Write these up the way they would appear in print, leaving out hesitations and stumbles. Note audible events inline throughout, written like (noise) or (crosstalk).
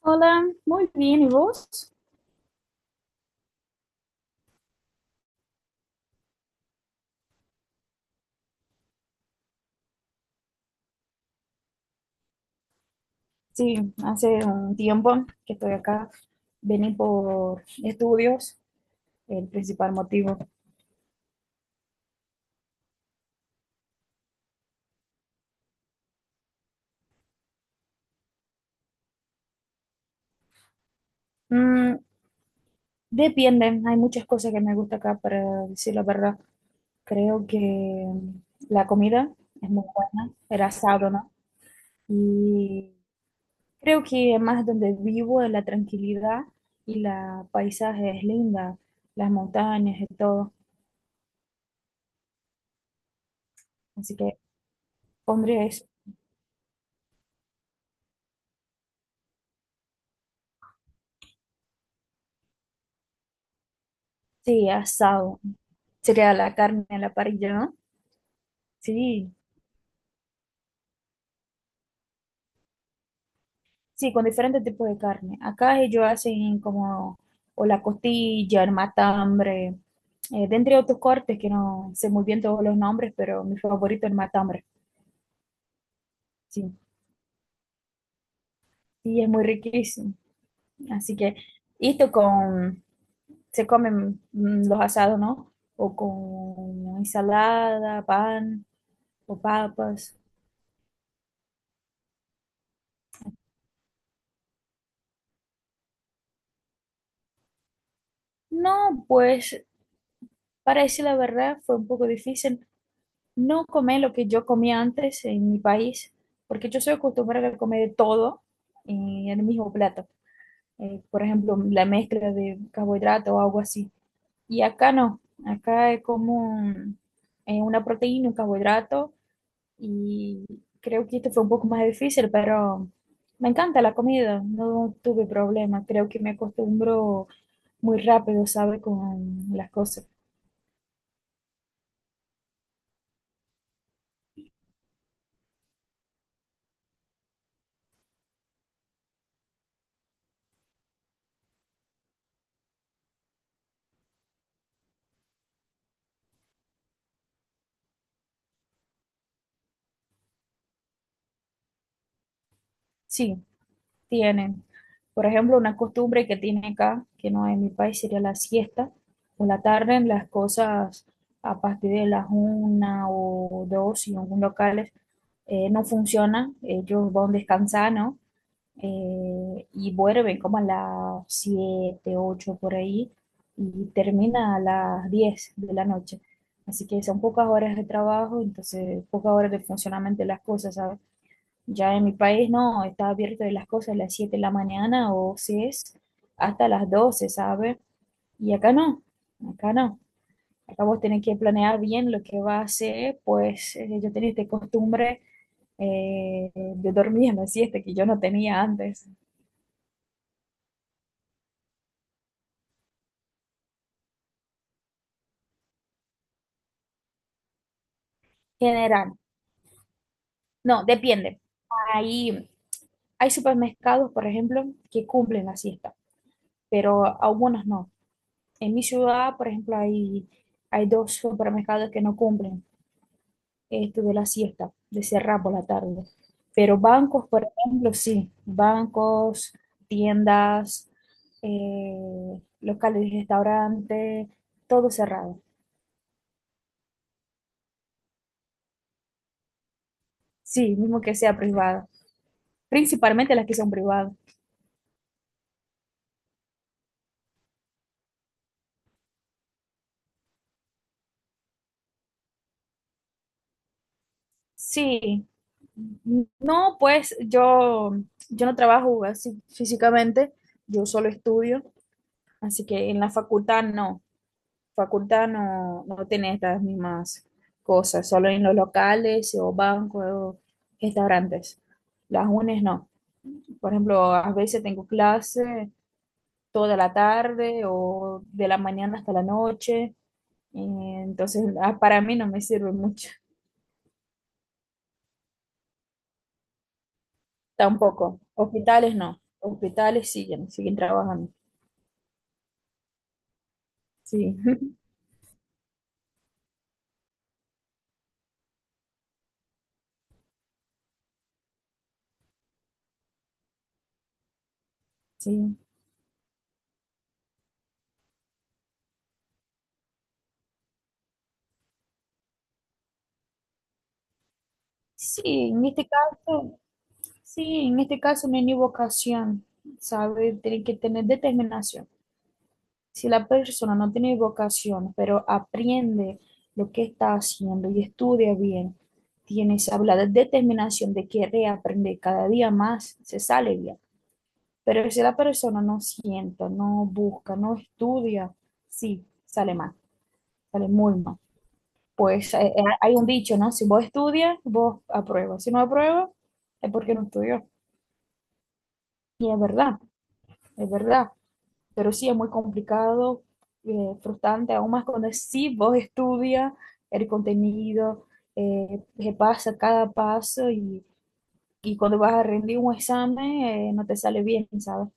Hola, muy bien, ¿y vos? Sí, hace un tiempo que estoy acá. Vení por estudios, el principal motivo. Mm, depende, hay muchas cosas que me gusta acá, para decir la verdad. Creo que la comida es muy buena, el asado, ¿no? Y creo que más donde vivo, la tranquilidad y la paisaje es linda, las montañas y todo. Así que pondría eso. Sí, asado. Sería la carne a la parrilla, ¿no? Sí, sí, con diferentes tipos de carne. Acá ellos hacen como o la costilla, el matambre, de entre otros cortes que no sé muy bien todos los nombres, pero mi favorito es el matambre, sí. Y es muy riquísimo. Así que esto con, se comen los asados, ¿no? O con ensalada, pan o papas. No, pues para decir la verdad fue un poco difícil no comer lo que yo comía antes en mi país, porque yo soy acostumbrada a comer de todo en el mismo plato. Por ejemplo, la mezcla de carbohidrato o algo así. Y acá no, acá es como un- una proteína, un carbohidrato, y creo que esto fue un poco más difícil, pero me encanta la comida, no tuve problema, creo que me acostumbro muy rápido, ¿sabe? Con las cosas. Sí, tienen. Por ejemplo, una costumbre que tiene acá, que no en mi país, sería la siesta. Por la tarde, las cosas a partir de las una o dos y en algunos locales no funcionan. Ellos van descansando, ¿no? Y vuelven como a las 7, 8 por ahí y termina a las 10 de la noche. Así que son pocas horas de trabajo, entonces pocas horas de funcionamiento de las cosas, ¿sabes? Ya en mi país no, está abierto de las cosas a las 7 de la mañana o si es hasta las 12, ¿sabe? Y acá no, acá no. Acá vos tenés que planear bien lo que vas a hacer, pues yo tenía esta costumbre de dormir en la siesta que yo no tenía antes. General, no, depende. Hay, hay supermercados, por ejemplo, que cumplen la siesta, pero algunos no. En mi ciudad, por ejemplo, hay dos supermercados que no cumplen. Este, de la siesta, de cerrar por la tarde. Pero bancos, por ejemplo, sí, bancos, tiendas, locales de restaurante, todo cerrado. Sí, mismo que sea privado. Principalmente las que son privadas. Sí, no, pues yo no trabajo así físicamente, yo solo estudio, así que en la facultad no. Facultad no, no tiene estas mismas cosas, solo en los locales o bancos o restaurantes. Las UNES no. Por ejemplo, a veces tengo clase toda la tarde o de la mañana hasta la noche, y entonces para mí no me sirve mucho (laughs) tampoco. Hospitales no, hospitales siguen trabajando. Sí, (laughs) sí. Sí, en este caso, sí, en este caso no hay ni vocación, ¿sabes? Tiene que tener determinación. Si la persona no tiene vocación, pero aprende lo que está haciendo y estudia bien, tiene esa la determinación de querer aprender cada día más, se sale bien. Pero si la persona no sienta, no busca, no estudia, sí, sale mal, sale muy mal. Pues hay un dicho, ¿no? Si vos estudias, vos apruebas. Si no apruebas, es porque no estudió. Y es verdad, es verdad. Pero sí es muy complicado, frustrante, aún más cuando sí vos estudias el contenido, repasa cada paso y cuando vas a rendir un examen no te sale bien, ¿sabes?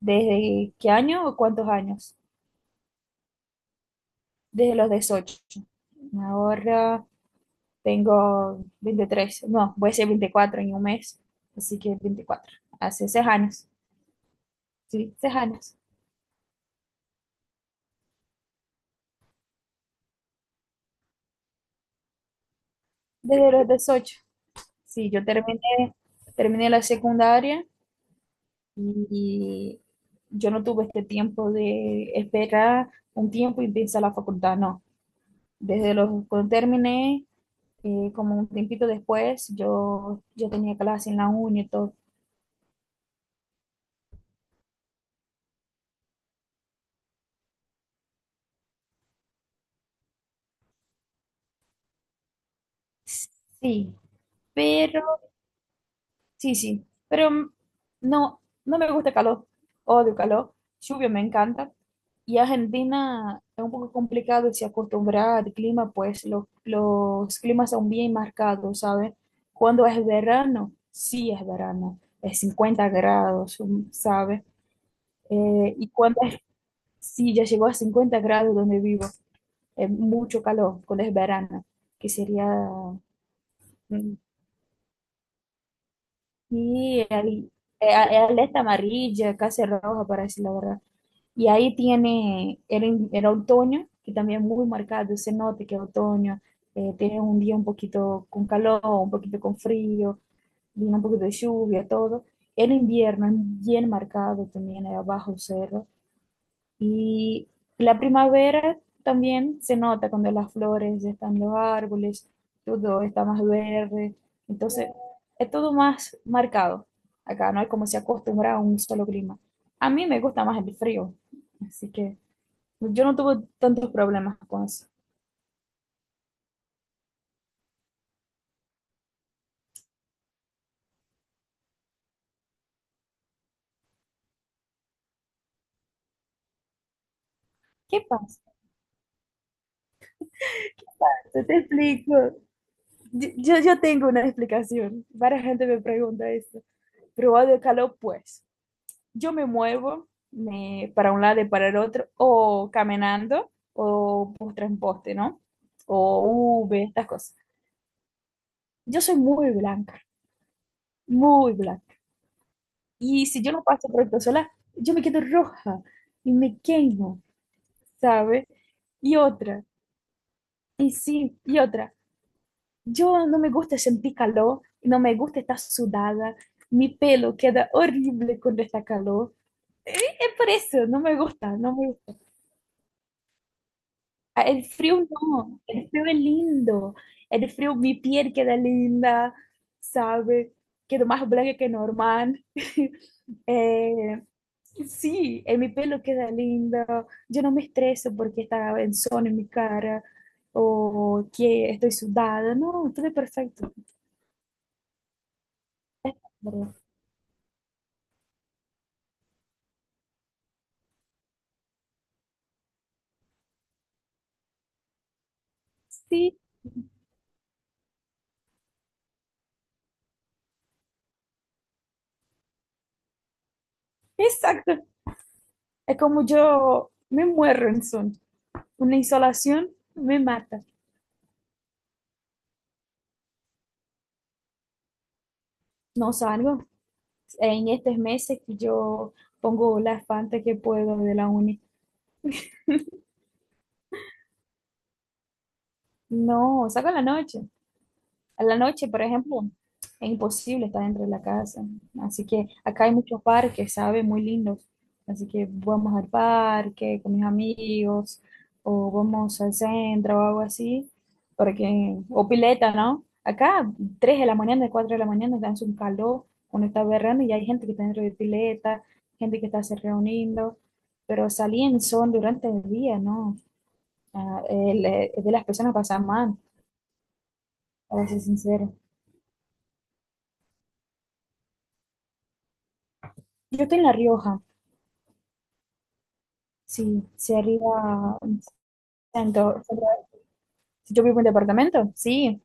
¿Desde qué año o cuántos años? Desde los 18. Ahora tengo 23 no, voy a ser 24 en un mes, así que 24 hace 6 años, sí, 6 años, desde los 18. Sí, yo terminé, la secundaria. Y yo no tuve este tiempo de esperar un tiempo y empezar la facultad, no. Cuando terminé, como un tiempito después, yo tenía clase en la uni y todo. Sí, pero, sí, pero no, no me gusta el calor, odio el calor, lluvia me encanta. Y Argentina es un poco complicado de se acostumbrar al clima, pues los climas son bien marcados, ¿sabes? Cuando es verano, sí es verano, es 50 grados, ¿sabes? Y cuando es, sí, ya llegó a 50 grados donde vivo, es mucho calor, cuando es verano, que sería, mm, y al- alerta amarilla, casi roja, parece la verdad. Y ahí tiene, era otoño, que también muy marcado, se nota que es otoño, tiene un día un poquito con calor, un poquito con frío, viene un poquito de lluvia, todo. El invierno es bien marcado también, era bajo cero. Y la primavera también se nota cuando las flores están en los árboles, todo está más verde, entonces es todo más marcado. Acá no hay como se acostumbra a un solo clima. A mí me gusta más el frío, así que yo no tuve tantos problemas con eso. ¿Qué pasa? Te explico. Yo tengo una explicación. Varias gente me pregunta esto. Probado de calor, pues. Yo me muevo para un lado y para el otro, o caminando, o postre en poste, ¿no? O V, estas cosas. Yo soy muy blanca, muy blanca. Y si yo no paso protector solar, yo me quedo roja y me quemo, ¿sabes? Y otra, y sí, y otra. Yo no me gusta sentir calor, no me gusta estar sudada, mi pelo queda horrible cuando está calor. Eh, Es por eso, no me gusta, no me gusta. Ah, el frío no, el frío es lindo, el frío, mi piel queda linda, ¿sabe? Quedo más blanca que normal. (laughs) Eh, sí, mi pelo queda lindo, yo no me estreso porque está en sol en mi cara o que estoy sudada, no, todo es perfecto. Sí, exacto. Es como yo me muero en son. Una insolación me mata. No salgo. En estos meses que yo pongo las fantas que puedo de la uni. No, salgo en la noche. A la noche, por ejemplo, es imposible estar dentro de la casa. Así que acá hay muchos parques, ¿sabes? Muy lindos. Así que vamos al parque con mis amigos, o vamos al centro o algo así, porque, o pileta, ¿no? Acá, 3 de la mañana, 4 de la mañana, dan un calor, uno está berrando y hay gente que está dentro de pileta, gente que está se reuniendo, pero salir en sol durante el día, ¿no? Ah, el de las personas pasa mal, para ser sincero. Yo estoy en La Rioja. Sí, sería un centro. Sería- yo vivo en departamento, sí,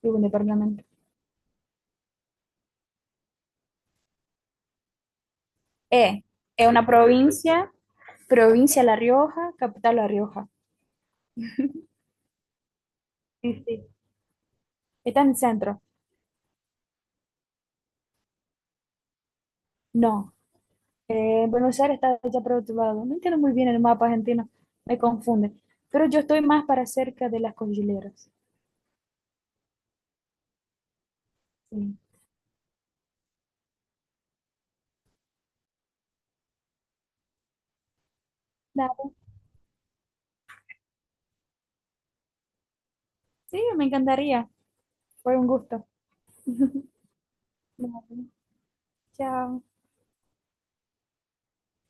vivo en departamento. Eh, es una provincia, provincia La Rioja, capital La Rioja. Sí, sí. Está en el centro. No, Buenos Aires está allá por otro lado. No entiendo muy bien el mapa argentino, me confunde. Pero yo estoy más para cerca de las cordilleras. Sí, dale. Sí, me encantaría. Fue un gusto. Nada, chao.